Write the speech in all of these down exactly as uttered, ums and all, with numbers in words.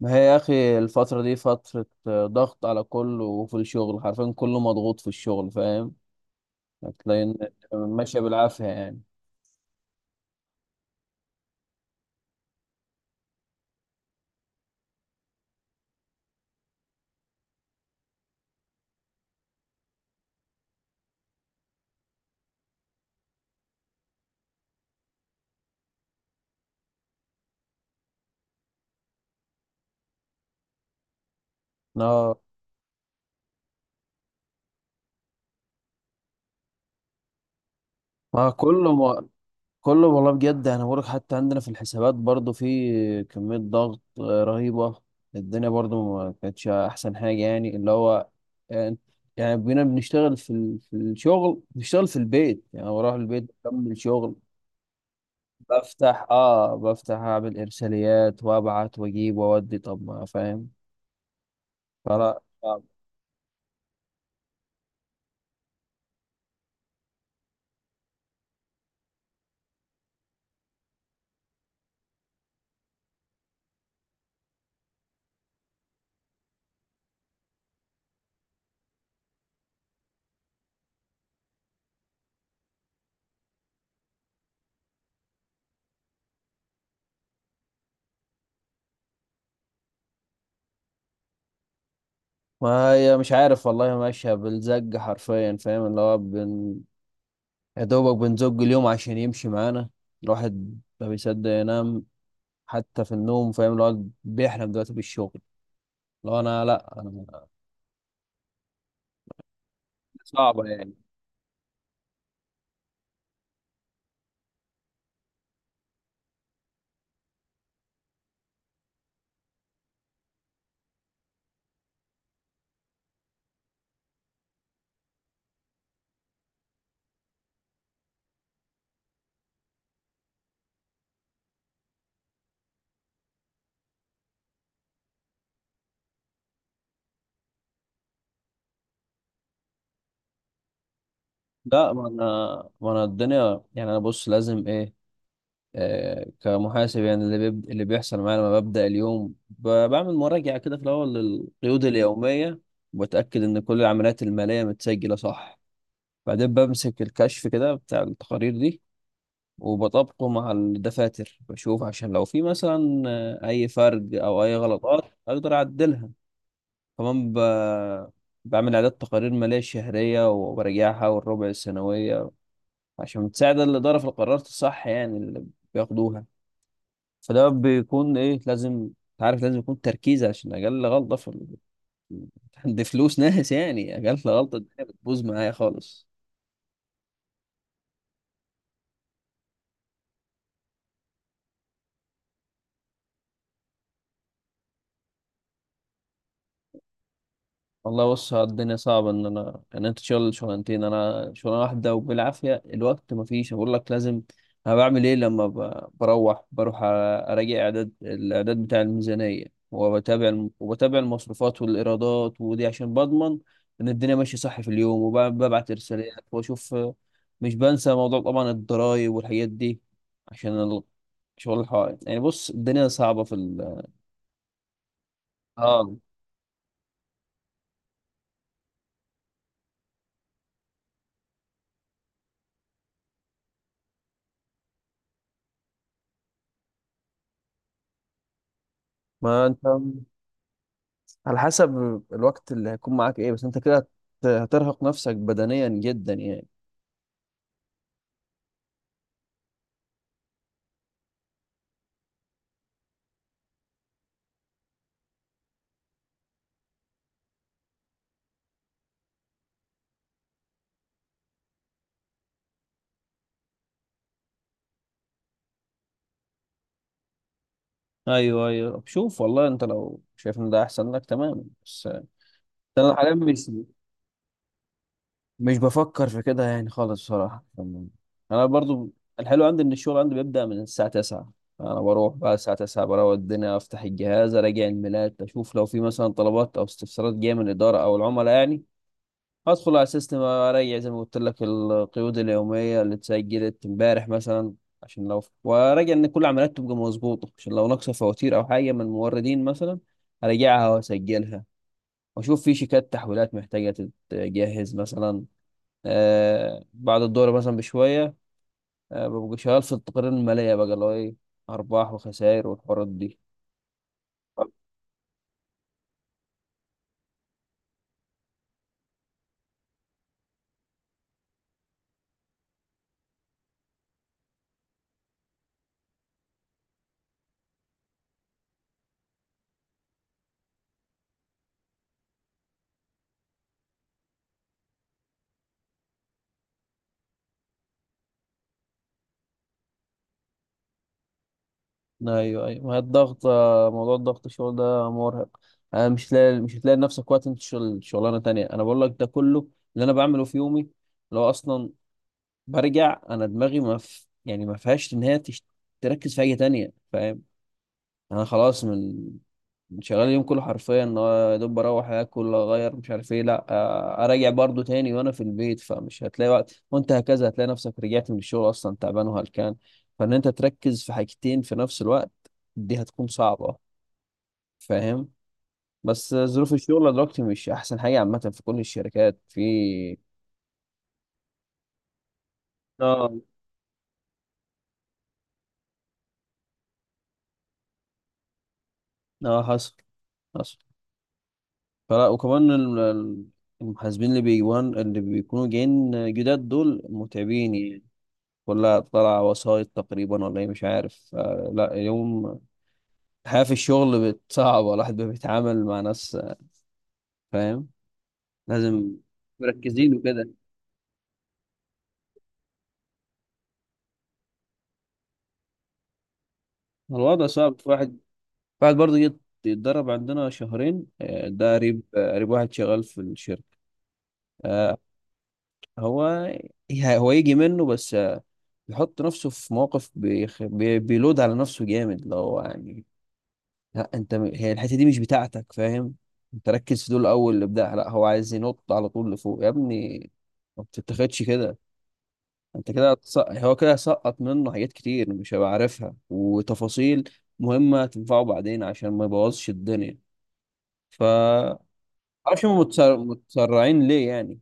ما هي يا اخي الفترة دي فترة آه، ضغط على كله، وفي الشغل حرفيا كله مضغوط في الشغل. فاهم هتلاقي إن ماشية بالعافية يعني. لا، ما كله ما كله والله بجد انا بقولك، حتى عندنا في الحسابات برضو في كمية ضغط آه، رهيبة. الدنيا برضو ما كانتش احسن حاجة، يعني اللي هو يعني يعني بينا بنشتغل في ال- في الشغل، بنشتغل في البيت، يعني بروح البيت بكمل شغل. بفتح اه بفتح اعمل ارساليات وابعت واجيب واودي، طب ما فاهم فلا صعب. ما هي مش عارف والله، ماشيه بالزق حرفيا، فاهم اللي هو بن يا دوبك بنزق اليوم عشان يمشي معانا. الواحد ما بيصدق ينام. حتى في النوم فاهم اللي هو بيحلم دلوقتي بالشغل. لو انا لا أنا صعبه يعني. لا، ما انا ما انا الدنيا يعني، انا بص لازم ايه آه، كمحاسب. يعني اللي بيب... اللي بيحصل معايا لما ببدأ اليوم ب... بعمل مراجعة كده في الأول للقيود اليومية، وبتأكد إن كل العمليات المالية متسجلة صح. بعدين بمسك الكشف كده بتاع التقارير دي وبطبقه مع الدفاتر، بشوف عشان لو في مثلا آه، أي فرق أو أي غلطات أقدر أعدلها. كمان ب... بعمل إعداد تقارير مالية شهرية وبراجعها والربع السنوية، عشان تساعد الإدارة في القرارات الصح يعني اللي بياخدوها. فده بيكون ايه، لازم انت عارف لازم يكون تركيز، عشان اقل غلطه في ال- عند فلوس ناس، يعني اقل غلطه الدنيا بتبوظ معايا خالص. والله بص، ها الدنيا صعبة إن أنا إن أنت تشتغل شغلانتين، أنا شغلانة واحدة وبالعافية الوقت مفيش أقول لك لازم. أنا بعمل إيه لما ب- بروح بروح أ- أراجع إعداد الإعداد بتاع الميزانية، وبتابع الم- وبتابع المصروفات والإيرادات، ودي عشان بضمن إن الدنيا ماشية صح في اليوم، وببعت رسالات وأشوف. مش بنسى موضوع طبعا الضرايب والحاجات دي عشان ال- شغل الحوائط. يعني بص الدنيا صعبة في ال آه. ما أنت على حسب الوقت اللي هيكون معاك ايه، بس انت كده هت- هترهق نفسك بدنيا جدا يعني. ايوه ايوه شوف، والله انت لو شايف ان ده احسن لك تمام، بس انا حاليا مش مش بفكر في كده يعني خالص بصراحه. انا برضو الحلو عندي ان الشغل عندي بيبدا من الساعه تسعة. انا بروح بقى الساعه تسعة، بروق الدنيا افتح الجهاز اراجع الميلات، اشوف لو في مثلا طلبات او استفسارات جايه من الاداره او العملاء يعني. ادخل على السيستم اريح زي ما قلت لك القيود اليوميه اللي اتسجلت امبارح مثلا، عشان لو وراجع ان كل العمليات تبقى مظبوطه، عشان لو ناقصه فواتير او حاجه من موردين مثلا اراجعها واسجلها. واشوف في شيكات تحويلات محتاجه تتجهز مثلا. آه بعد الدورة مثلا بشويه آه ببقى شغال في التقارير الماليه بقى، اللي هو ايه ارباح وخسائر والحوارات دي. ايوه ايوه، ما هي الضغط آه، موضوع الضغط الشغل ده مرهق. آه، مش لاقي، مش هتلاقي لنفسك وقت انت شغل شغلانه تانية. انا بقول لك ده كله اللي انا بعمله في يومي. لو اصلا برجع انا دماغي ما ف... يعني ما فيهاش ان هي تش... تركز في حاجه تانية فاهم. انا خلاص من شغال اليوم كله حرفيا، إن هو يا دوب بروح اكل اغير مش عارف ايه، لا آه، اراجع برضو تاني وانا في البيت، فمش هتلاقي وقت. وانت هكذا هتلاقي نفسك رجعت من الشغل اصلا تعبان وهلكان، فان انت تركز في حاجتين في نفس الوقت دي هتكون صعبة فاهم. بس ظروف الشغل دلوقتي مش احسن حاجة عامة في كل الشركات في اه. اه حصل حصل. فلا، وكمان ال- ال- المحاسبين اللي بيجوان اللي بيكونوا جايين جداد دول متعبين يعني. كلها طالعة وسايط تقريبا ولا ايه مش عارف آه، لا. اليوم الحياة في الشغل بقت صعبة، الواحد بقى بيتعامل مع ناس آه، فاهم، لازم مركزين وكده. الوضع صعب. في واحد، واحد برضه جه يتدرب عندنا شهرين آه، ده قريب آه، قريب، واحد شغال في الشركة آه، هو هو يجي منه، بس آه، بيحط نفسه في مواقف بيخ... بي... بيلود على نفسه جامد لو يعني. لا انت م- هي الحته دي مش بتاعتك فاهم، انت ركز في دول الاول. الابداع لا، هو عايز ينط على طول لفوق يا ابني، ما بتتاخدش كده. انت كده هتص- هو كده سقط منه حاجات كتير مش هيبقى عارفها، وتفاصيل مهمه تنفعه بعدين عشان ما يبوظش الدنيا ف معرفش هم متسر... متسرعين ليه يعني.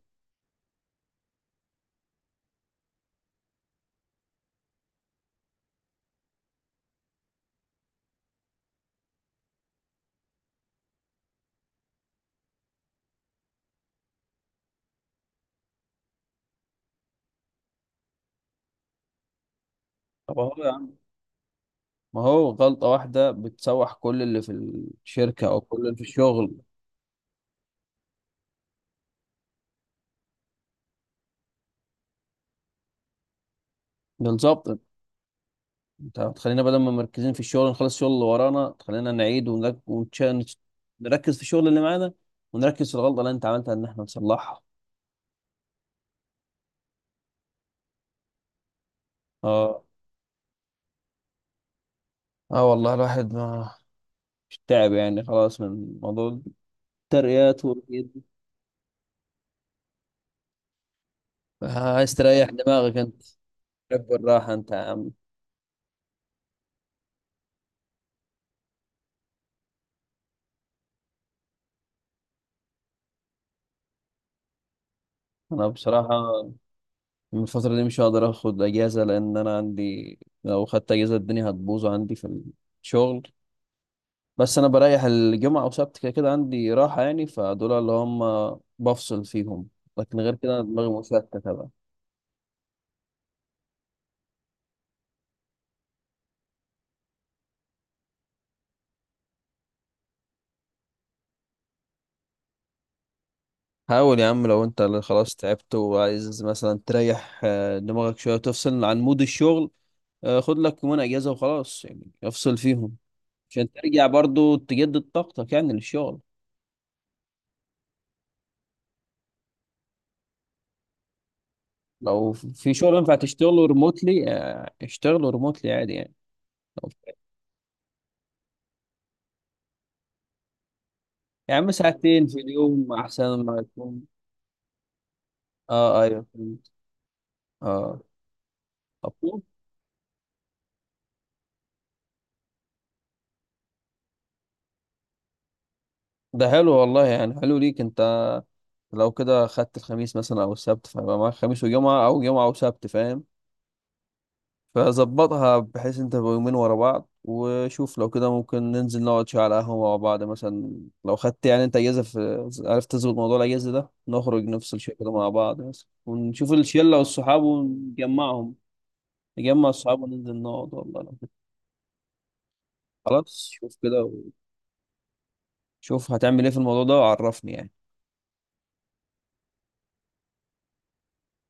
طب هو يا عم، ما هو غلطه واحده بتسوح كل اللي في الشركه او كل اللي في الشغل، بالظبط. طب تخلينا بدل ما مركزين في الشغل نخلص الشغل اللي ورانا، تخلينا نعيد ونرك- ونتش- نتش- نركز في الشغل اللي معانا، ونركز في الغلطة اللي انت عملتها ان احنا نصلحها. اه، اه والله الواحد ما مش تعب يعني خلاص من موضوع الترقيات والحاجات دي. آه، عايز تريح دماغك انت، تحب الراحة انت يا عم. انا بصراحة من الفترة دي مش هقدر اخد اجازة، لان انا عندي لو خدت اجازة الدنيا هتبوظ عندي في الشغل. بس انا بريح الجمعه او سبت كده كده عندي راحه يعني، فدول اللي هم بفصل فيهم، لكن غير كده أنا دماغي مشتته بقى. حاول يا عم، لو انت اللي خلاص تعبت وعايز مثلا تريح آه، دماغك شويه وتفصل عن مود الشغل، آه، خد لك يومين اجازه وخلاص، يعني افصل فيهم، عشان ترجع برضو تجدد طاقتك يعني للشغل. لو في شغل ينفع تشتغله ريموتلي، اشتغله ريموتلي عادي يعني. لو- يا عم ساعتين في اليوم احسن ما يكون. اه ايوه فهمت. اه، طب ده حلو والله، يعني حلو ليك انت. لو كده خدت الخميس مثلا او السبت، فيبقى معاك خميس وجمعة او جمعة وسبت فاهم، فظبطها بحيث انت تبقى يومين ورا بعض. وشوف لو كده ممكن ننزل نقعد شوية على قهوة مع بعض مثلا، لو خدت يعني انت اجازة، في عرفت تظبط موضوع الاجازة ده نخرج نفصل شوية كده مع بعض مثلا، ونشوف الشلة والصحاب ونجمعهم. نجمع الصحاب وننزل نقعد، والله لو كده. خلاص شوف كده، وشوف هتعمل ايه في الموضوع ده وعرفني يعني.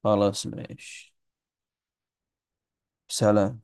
خلاص ماشي، سلام.